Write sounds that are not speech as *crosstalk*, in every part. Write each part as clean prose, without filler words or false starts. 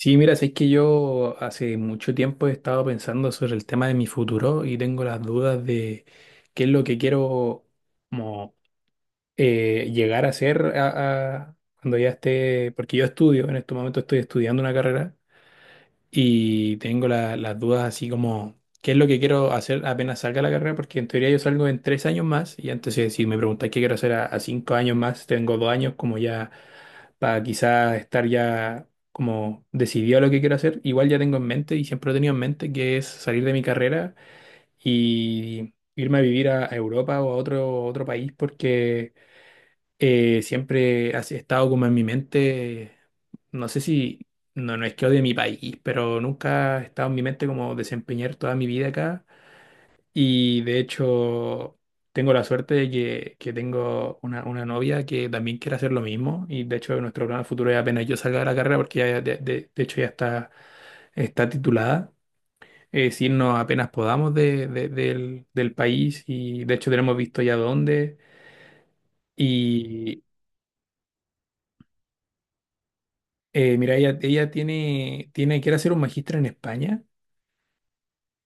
Sí, mira, es que yo hace mucho tiempo he estado pensando sobre el tema de mi futuro y tengo las dudas de qué es lo que quiero como, llegar a ser cuando ya esté, porque yo estudio, en este momento estoy estudiando una carrera y tengo las dudas así como, ¿qué es lo que quiero hacer apenas salga la carrera? Porque en teoría yo salgo en 3 años más y entonces si me preguntáis qué quiero hacer a 5 años más, tengo 2 años como ya para quizás estar ya como decidido a lo que quiero hacer. Igual ya tengo en mente y siempre he tenido en mente que es salir de mi carrera y irme a vivir a Europa o a otro país porque siempre ha estado como en mi mente, no sé si, no, no es que odie mi país, pero nunca ha estado en mi mente como desempeñar toda mi vida acá. Y de hecho, tengo la suerte de que tengo una novia que también quiere hacer lo mismo. Y de hecho, nuestro plan futuro es apenas yo salga de la carrera, porque ya, de hecho ya está titulada. Es irnos apenas podamos del país y de hecho tenemos visto ya dónde. Mm. Y, mira, ella quiere hacer un magíster en España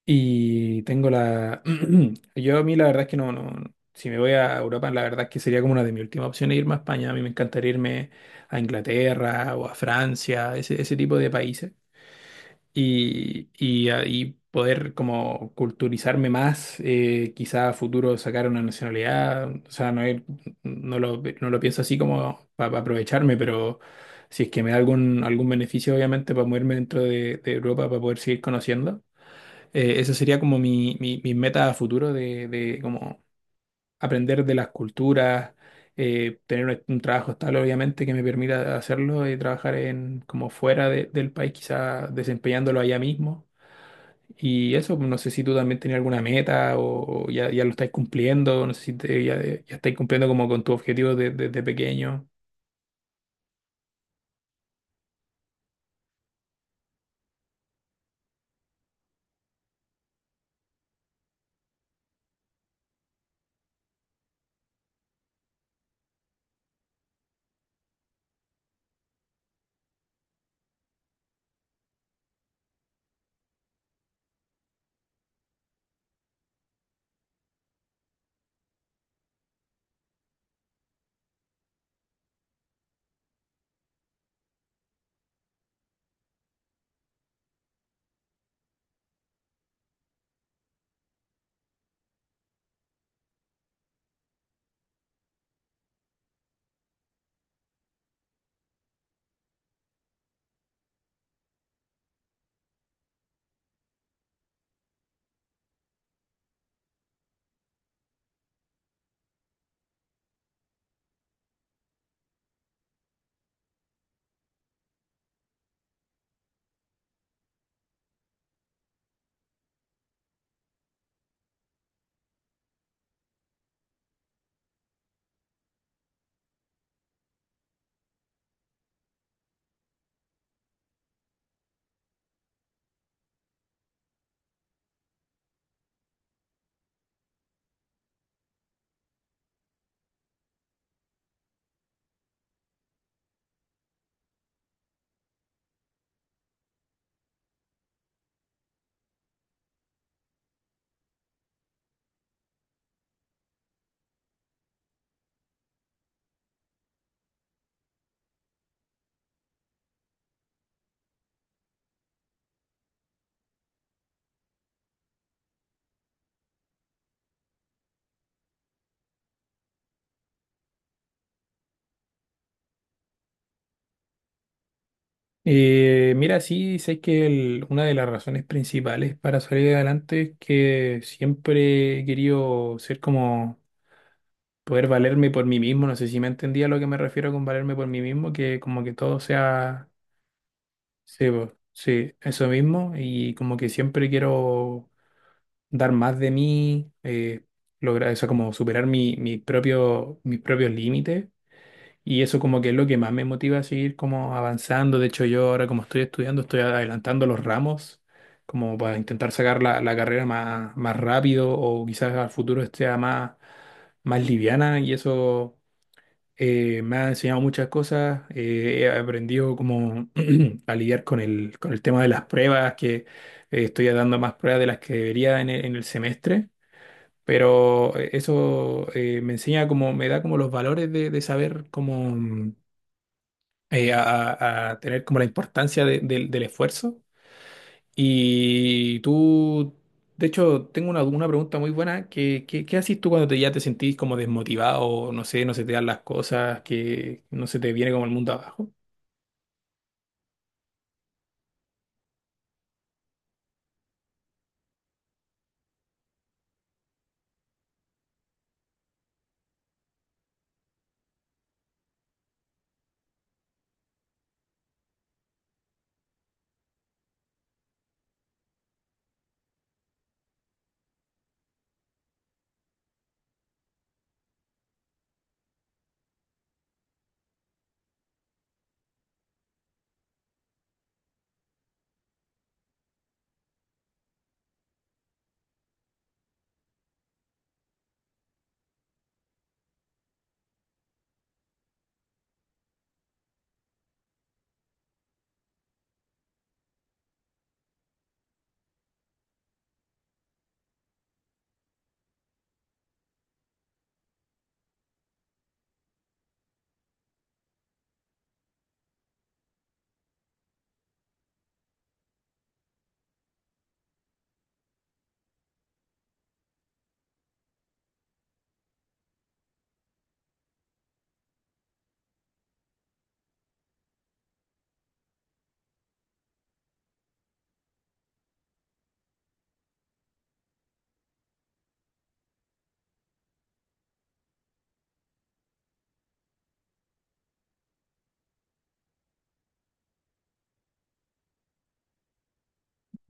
y tengo la... *clears throat* Yo a mí la verdad es que no. Si me voy a Europa, la verdad es que sería como una de mis últimas opciones irme a España. A mí me encantaría irme a Inglaterra o a Francia, ese tipo de países y ahí poder como culturizarme más, quizá a futuro sacar una nacionalidad, o sea, no, no lo pienso así como para aprovecharme, pero si es que me da algún beneficio, obviamente, para moverme dentro de Europa, para poder seguir conociendo, esa sería como mi meta a futuro de como aprender de las culturas. Tener un trabajo estable, obviamente, que me permita hacerlo y trabajar en como fuera del país, quizá desempeñándolo allá mismo. Y eso, no sé si tú también tenías alguna meta o ya lo estáis cumpliendo, no sé si ya estáis cumpliendo como con tu objetivo desde pequeño. Mira, sí, sé que una de las razones principales para salir adelante es que siempre he querido ser como poder valerme por mí mismo, no sé si me entendía a lo que me refiero con valerme por mí mismo, que como que todo sea, sí, po, sí, eso mismo, y como que siempre quiero dar más de mí, lograr eso, como superar mi, mi propio, mis propios límites. Y eso como que es lo que más me motiva a seguir como avanzando. De hecho, yo ahora como estoy estudiando, estoy adelantando los ramos, como para intentar sacar la carrera más rápido o quizás al futuro esté más liviana. Y eso me ha enseñado muchas cosas. He aprendido como *clears throat* a lidiar con el tema de las pruebas, que estoy dando más pruebas de las que debería en el semestre. Pero eso me enseña como, me da como los valores de saber cómo eh, a, a tener como la importancia del del esfuerzo. Y tú, de hecho, tengo una pregunta muy buena. ¿Qué haces tú cuando ya te sentís como desmotivado, no sé, no se te dan las cosas, que no se te viene como el mundo abajo?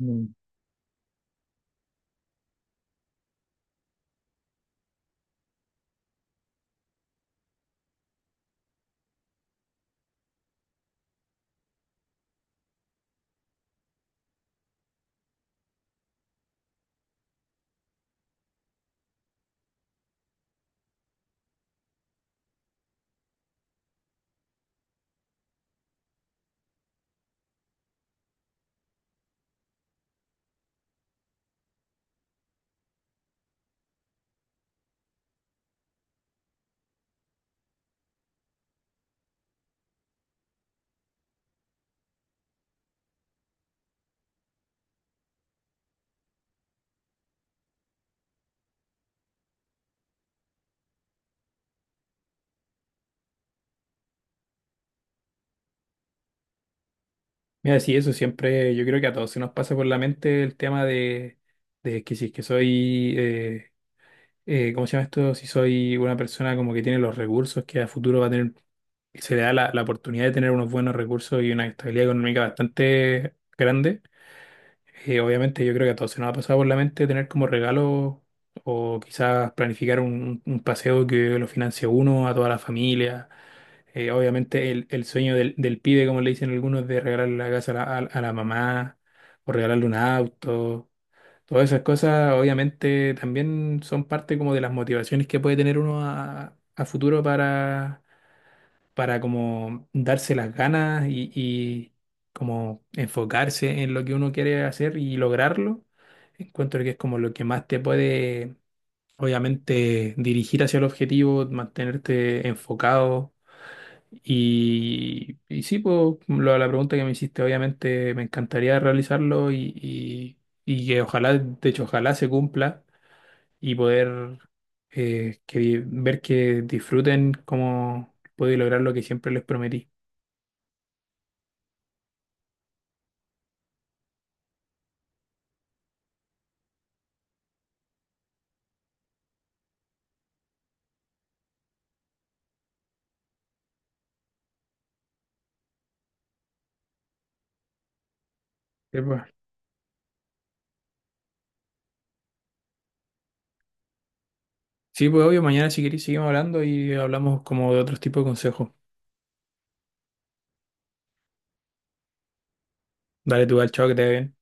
Mm. Mira, sí, eso siempre, yo creo que a todos se nos pasa por la mente el tema de que si es que soy ¿cómo se llama esto? Si soy una persona como que tiene los recursos, que a futuro va a tener, se le da la oportunidad de tener unos buenos recursos y una estabilidad económica bastante grande. Obviamente yo creo que a todos se nos ha pasado por la mente tener como regalo o quizás planificar un paseo que lo financie uno a toda la familia. Obviamente el sueño del pibe, como le dicen algunos, de regalarle la casa a la mamá o regalarle un auto. Todas esas cosas obviamente también son parte como de las motivaciones que puede tener uno a futuro para como darse las ganas y como enfocarse en lo que uno quiere hacer y lograrlo. Encuentro que es como lo que más te puede obviamente dirigir hacia el objetivo, mantenerte enfocado y sí, pues la pregunta que me hiciste, obviamente me encantaría realizarlo y que ojalá, de hecho, ojalá se cumpla y poder ver que disfruten cómo pude lograr lo que siempre les prometí. Sí, pues, Sí, pues, obvio, mañana si queréis seguimos hablando y hablamos como de otros tipos de consejos. Dale tu al chao que te vea bien.